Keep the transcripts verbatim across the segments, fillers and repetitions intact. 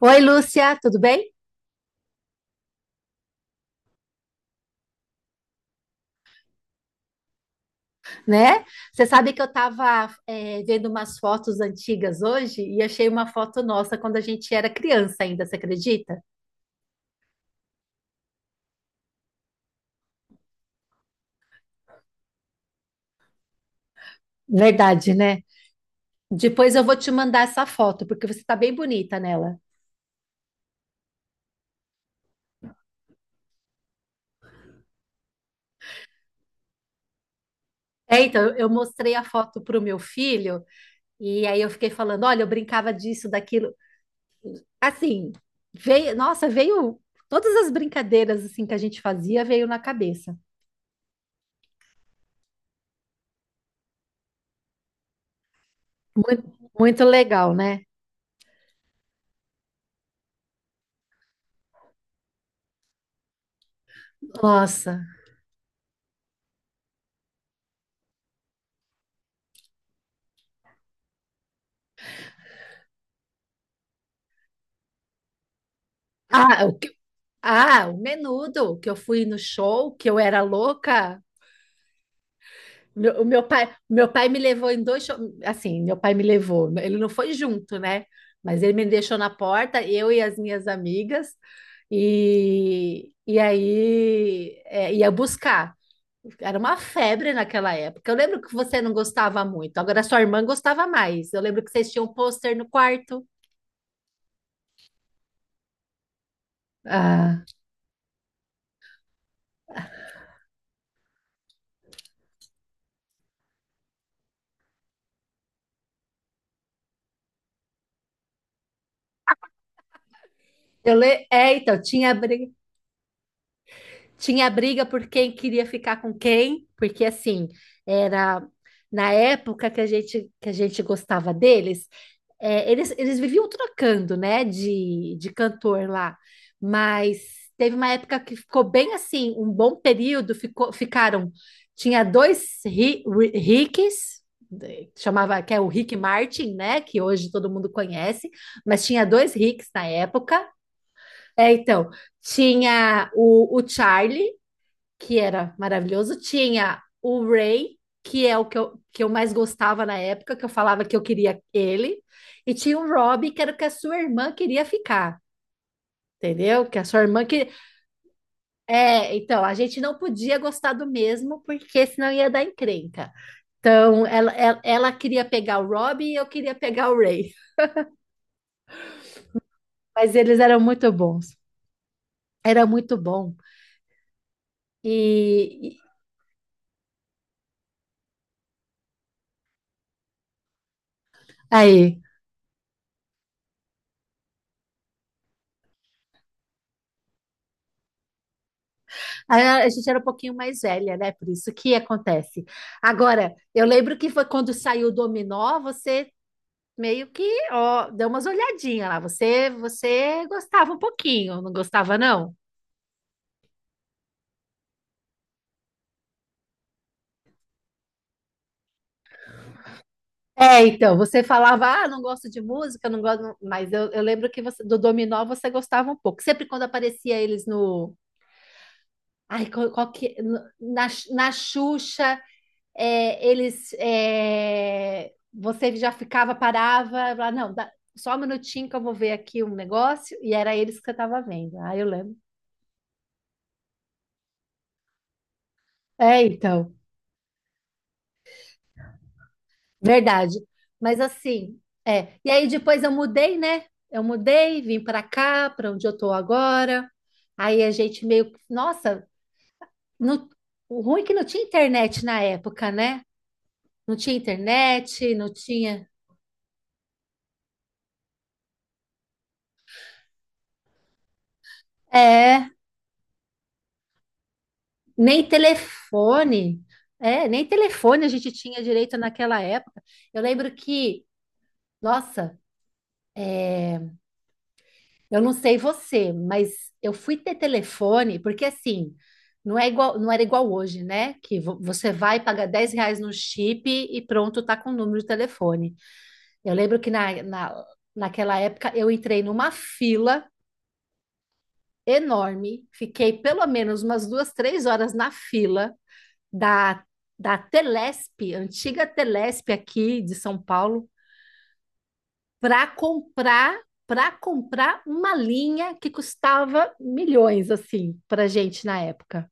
Oi, Lúcia, tudo bem? Né? Você sabe que eu estava vendo umas fotos antigas hoje e achei uma foto nossa quando a gente era criança ainda, você acredita? Verdade, né? Depois eu vou te mandar essa foto, porque você está bem bonita nela. É, então, eu eu mostrei a foto para o meu filho e aí eu fiquei falando, olha, eu brincava disso, daquilo. Assim, veio, nossa, veio todas as brincadeiras assim que a gente fazia veio na cabeça. Muito, muito legal, né? Nossa. Ah, Ah, o Menudo, que eu fui no show, que eu era louca. Meu, o meu pai, meu pai me levou em dois shows. Assim, meu pai me levou. Ele não foi junto, né? Mas ele me deixou na porta, eu e as minhas amigas, e, e aí é, ia buscar. Era uma febre naquela época. Eu lembro que você não gostava muito, agora sua irmã gostava mais. Eu lembro que vocês tinham um pôster no quarto. Ah, eu le... é, então, tinha briga. Tinha briga por quem queria ficar com quem, porque assim, era na época que a gente, que a gente gostava deles, é, eles, eles viviam trocando, né, de, de cantor lá, mas teve uma época que ficou bem assim, um bom período, ficou, ficaram, tinha dois ri, ri- Ricks, eh, chamava, que é o Rick Martin, né, que hoje todo mundo conhece, mas tinha dois Ricks na época, é, então, tinha o, o Charlie, que era maravilhoso. Tinha o Ray, que é o que eu, que eu mais gostava na época, que eu falava que eu queria ele. E tinha o Rob, que era o que a sua irmã queria ficar. Entendeu? Que a sua irmã que É, então a gente não podia gostar do mesmo porque senão ia dar encrenca. Então ela, ela, ela queria pegar o Rob e eu queria pegar o Ray, mas eles eram muito bons, era muito bom. E, e- aí A a gente era um pouquinho mais velha, né? Por isso que acontece. Agora, eu lembro que foi quando saiu o Dominó, você meio que, ó, deu umas olhadinhas lá. Você, você gostava um pouquinho, não gostava, não? É, então, você falava, ah, não gosto de música, não gosto, mas eu, eu lembro que você- do Dominó você gostava um pouco. Sempre quando aparecia eles no, ai, qual, qual que, no- na, na Xuxa, é, eles é, você já ficava, parava, lá, não, dá- só um minutinho que eu vou ver aqui um negócio, e era eles que eu estava vendo. Ah, eu lembro. É, então, verdade. Mas assim, é. E aí depois eu mudei, né? Eu mudei, vim para cá, para onde eu tô agora. Aí a gente meio, que- nossa, no- o ruim é que não tinha internet na época, né? Não tinha internet, não tinha. É, nem telefone. É, nem telefone a gente tinha direito naquela época. Eu lembro que, nossa, eu não sei você, mas eu fui ter telefone, porque assim, não é igual, não era igual hoje, né? Que vo- você vai pagar dez reais no chip e pronto, tá com o número de telefone. Eu lembro que na, na, naquela época eu entrei numa fila enorme, fiquei pelo menos umas duas, três horas na fila da, da Telesp, antiga Telesp aqui de São Paulo, para comprar para comprar uma linha que custava milhões assim para gente na época.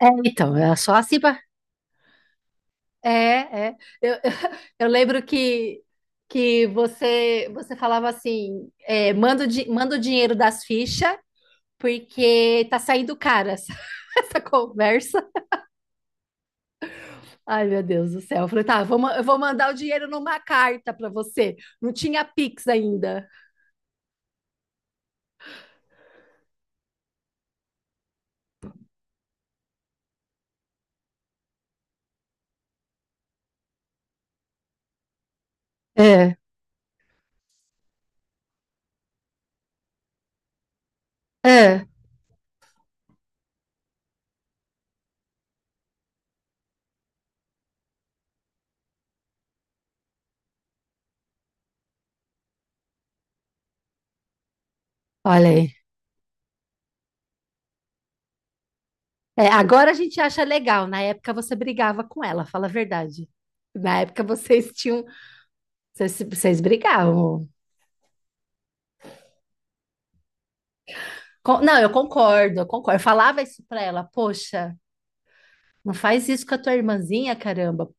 É, então, era só assim para. É, é. Eu, eu eu lembro que que você você falava assim, é, manda o, di- manda o dinheiro das fichas porque tá saindo cara essa, essa conversa. Ai, meu Deus do céu. Eu falei, tá, vou, ma- eu vou mandar o dinheiro numa carta para você. Não tinha Pix ainda. É, é, olha aí. É, agora a gente acha legal. Na época você brigava com ela, fala a verdade. Na época vocês tinham. Vocês, vocês brigavam. Com- não, eu concordo, eu concordo. Eu falava isso pra ela, poxa, não faz isso com a tua irmãzinha, caramba.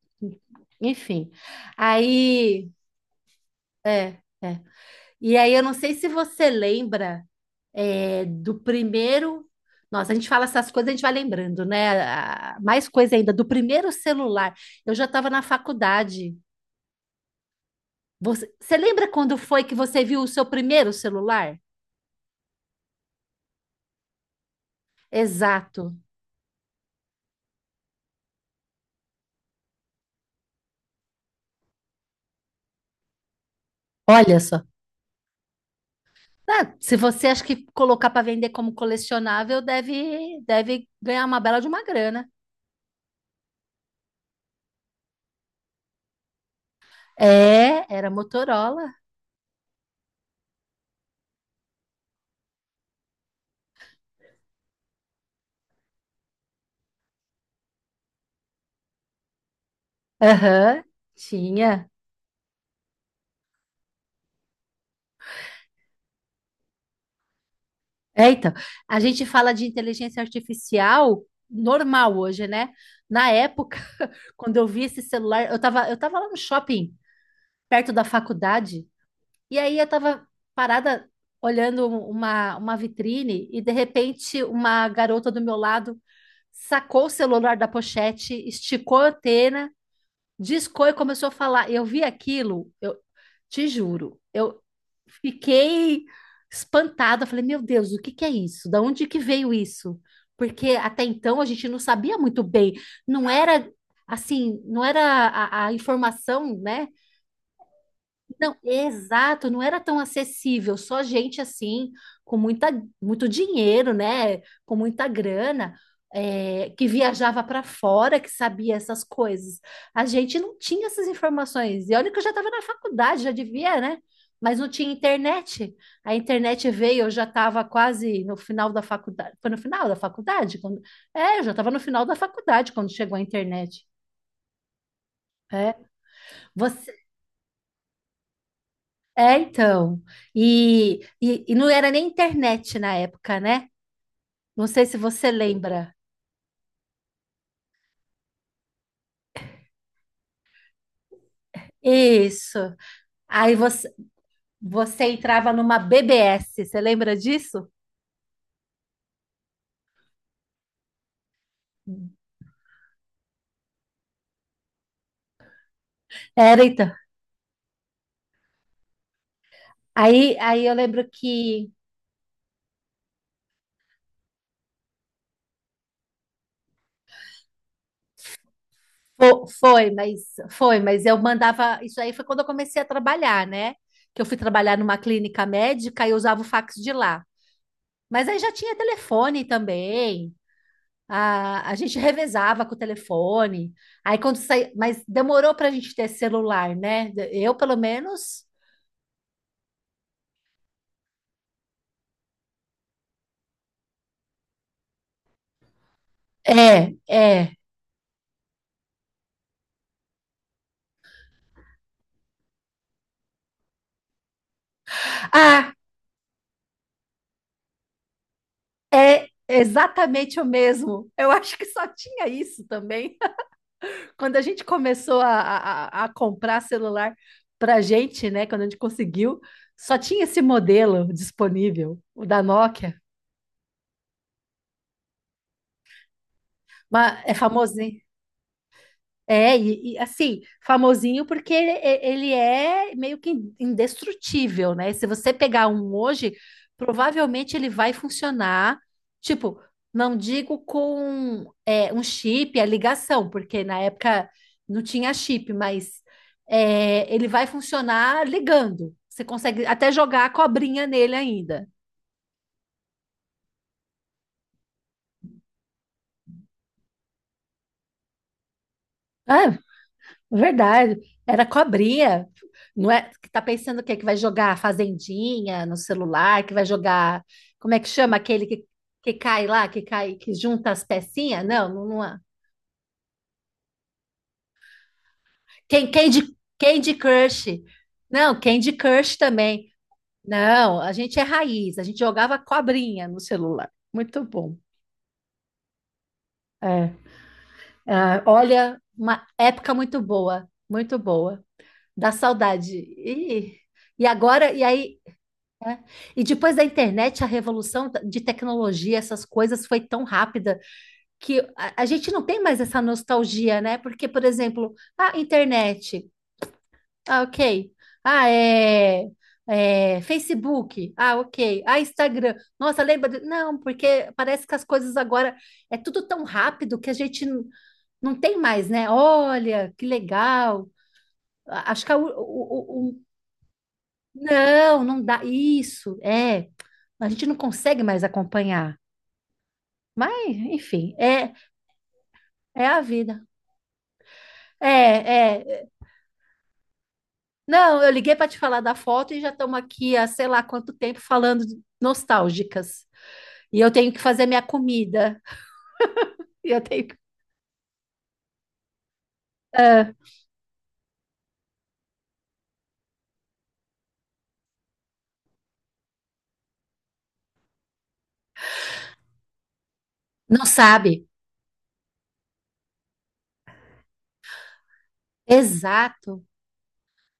Enfim. Aí. É, é. E aí, eu não sei se você lembra é, do primeiro. Nossa, a gente fala essas coisas, a gente vai lembrando, né? A- Mais coisa ainda, do primeiro celular. Eu já estava na faculdade. Você, você lembra quando foi que você viu o seu primeiro celular? Exato. Olha só. Ah, se você acha que colocar para vender como colecionável, deve, deve ganhar uma bela de uma grana. É, era Motorola. Aham, tinha. É, então, a gente fala de inteligência artificial normal hoje, né? Na época, quando eu vi esse celular, eu tava, eu tava lá no shopping, perto da faculdade, e aí eu tava parada olhando um, uma, uma vitrine e de repente uma garota do meu lado sacou o celular da pochete, esticou a antena discou e começou a falar. Eu vi aquilo, eu te juro, eu fiquei espantada. Eu falei, meu Deus, o que que é isso? Da onde que veio isso? Porque até então a gente não sabia muito bem, não era assim, não era a, a informação, né? Não, exato, não era tão acessível, só gente assim, com muita, muito dinheiro, né? Com muita grana, é, que viajava para fora, que sabia essas coisas. A gente não tinha essas informações. E olha que eu já estava na faculdade, já devia, né? Mas não tinha internet. A internet veio, eu já estava quase no final da faculdade. Foi no final da faculdade? Quando... É, eu já estava no final da faculdade quando chegou a internet. É. Você. É, então. E, e, e não era nem internet na época, né? Não sei se você lembra. Isso. Aí você, você entrava numa B B S, você lembra disso? Era, então. Aí, aí eu lembro que fo- foi, mas foi, mas eu mandava. Isso aí foi quando eu comecei a trabalhar, né? Que eu fui trabalhar numa clínica médica e eu usava o fax de lá. Mas aí já tinha telefone também. A, a gente revezava com o telefone. Aí quando saía, mas demorou para a gente ter celular, né? Eu, pelo menos. É, é. Ah, é exatamente o mesmo. Eu acho que só tinha isso também. Quando a gente começou a, a, a comprar celular para gente, né? Quando a gente conseguiu, só tinha esse modelo disponível, o da Nokia. Mas é famoso. É, e, e, assim, famosinho porque ele, e- ele é meio que indestrutível, né? Se você pegar um hoje, provavelmente ele vai funcionar, tipo, não digo com é, um chip, a ligação, porque na época não tinha chip, mas é, ele vai funcionar ligando. Você consegue até jogar a cobrinha nele ainda. É, verdade, era cobrinha, não é? Que tá pensando o quê? Que vai jogar fazendinha no celular, que vai jogar, como é que chama aquele que, que cai lá, que cai, que junta as pecinhas? Não, não, não é. Can- Candy, Candy Crush. Não, Candy Crush também. Não, a gente é raiz, a gente jogava cobrinha no celular. Muito bom. É. Ah, olha, uma época muito boa, muito boa. Dá saudade. e E agora, e aí, é. E depois da internet, a revolução da- de tecnologia, essas coisas foi tão rápida que a, a gente não tem mais essa nostalgia, né? Porque, por exemplo, a internet, ah, ok. Ah, é, é, Facebook, ah, ok. Ah, Instagram. Nossa, lembra? de- Não, porque parece que as coisas agora é tudo tão rápido que a gente n- não tem mais, né? Olha, que legal. A- Acho que a u- o, não, não dá. Isso, é. A gente não consegue mais acompanhar. Mas, enfim, é, é a vida. É, é, é. Não, eu liguei para te falar da foto e já estamos aqui há sei lá quanto tempo falando de- nostálgicas. E eu tenho que fazer minha comida. E eu tenho que. Ah, não sabe? Exato.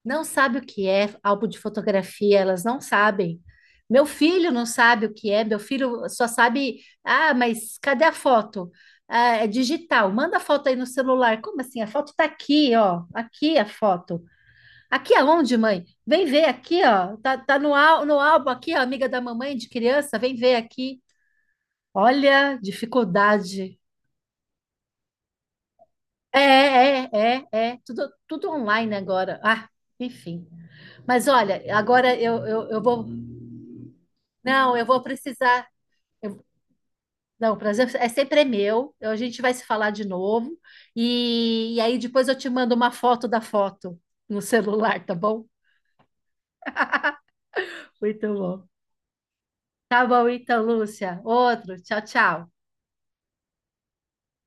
Não sabe o que é álbum de fotografia, elas não sabem. Meu filho não sabe o que é, meu filho só sabe, ah, mas cadê a foto? Ah, é digital, manda a foto aí no celular. Como assim? A foto tá aqui, ó. Aqui a foto. Aqui aonde, mãe? Vem ver aqui, ó. Tá, tá no, ál- no álbum aqui, ó, amiga da mamãe de criança, vem ver aqui. Olha, dificuldade. É, é, é, é. Tudo, tudo online agora. Ah, enfim. Mas olha, agora eu, eu, eu vou. Não, eu vou precisar. eu- não, o prazer é sempre é meu. Eu- A gente vai se falar de novo. E, e aí depois eu te mando uma foto da foto no celular, tá bom? Muito bom. Tá bom, então, Lúcia. Outro. Tchau, tchau.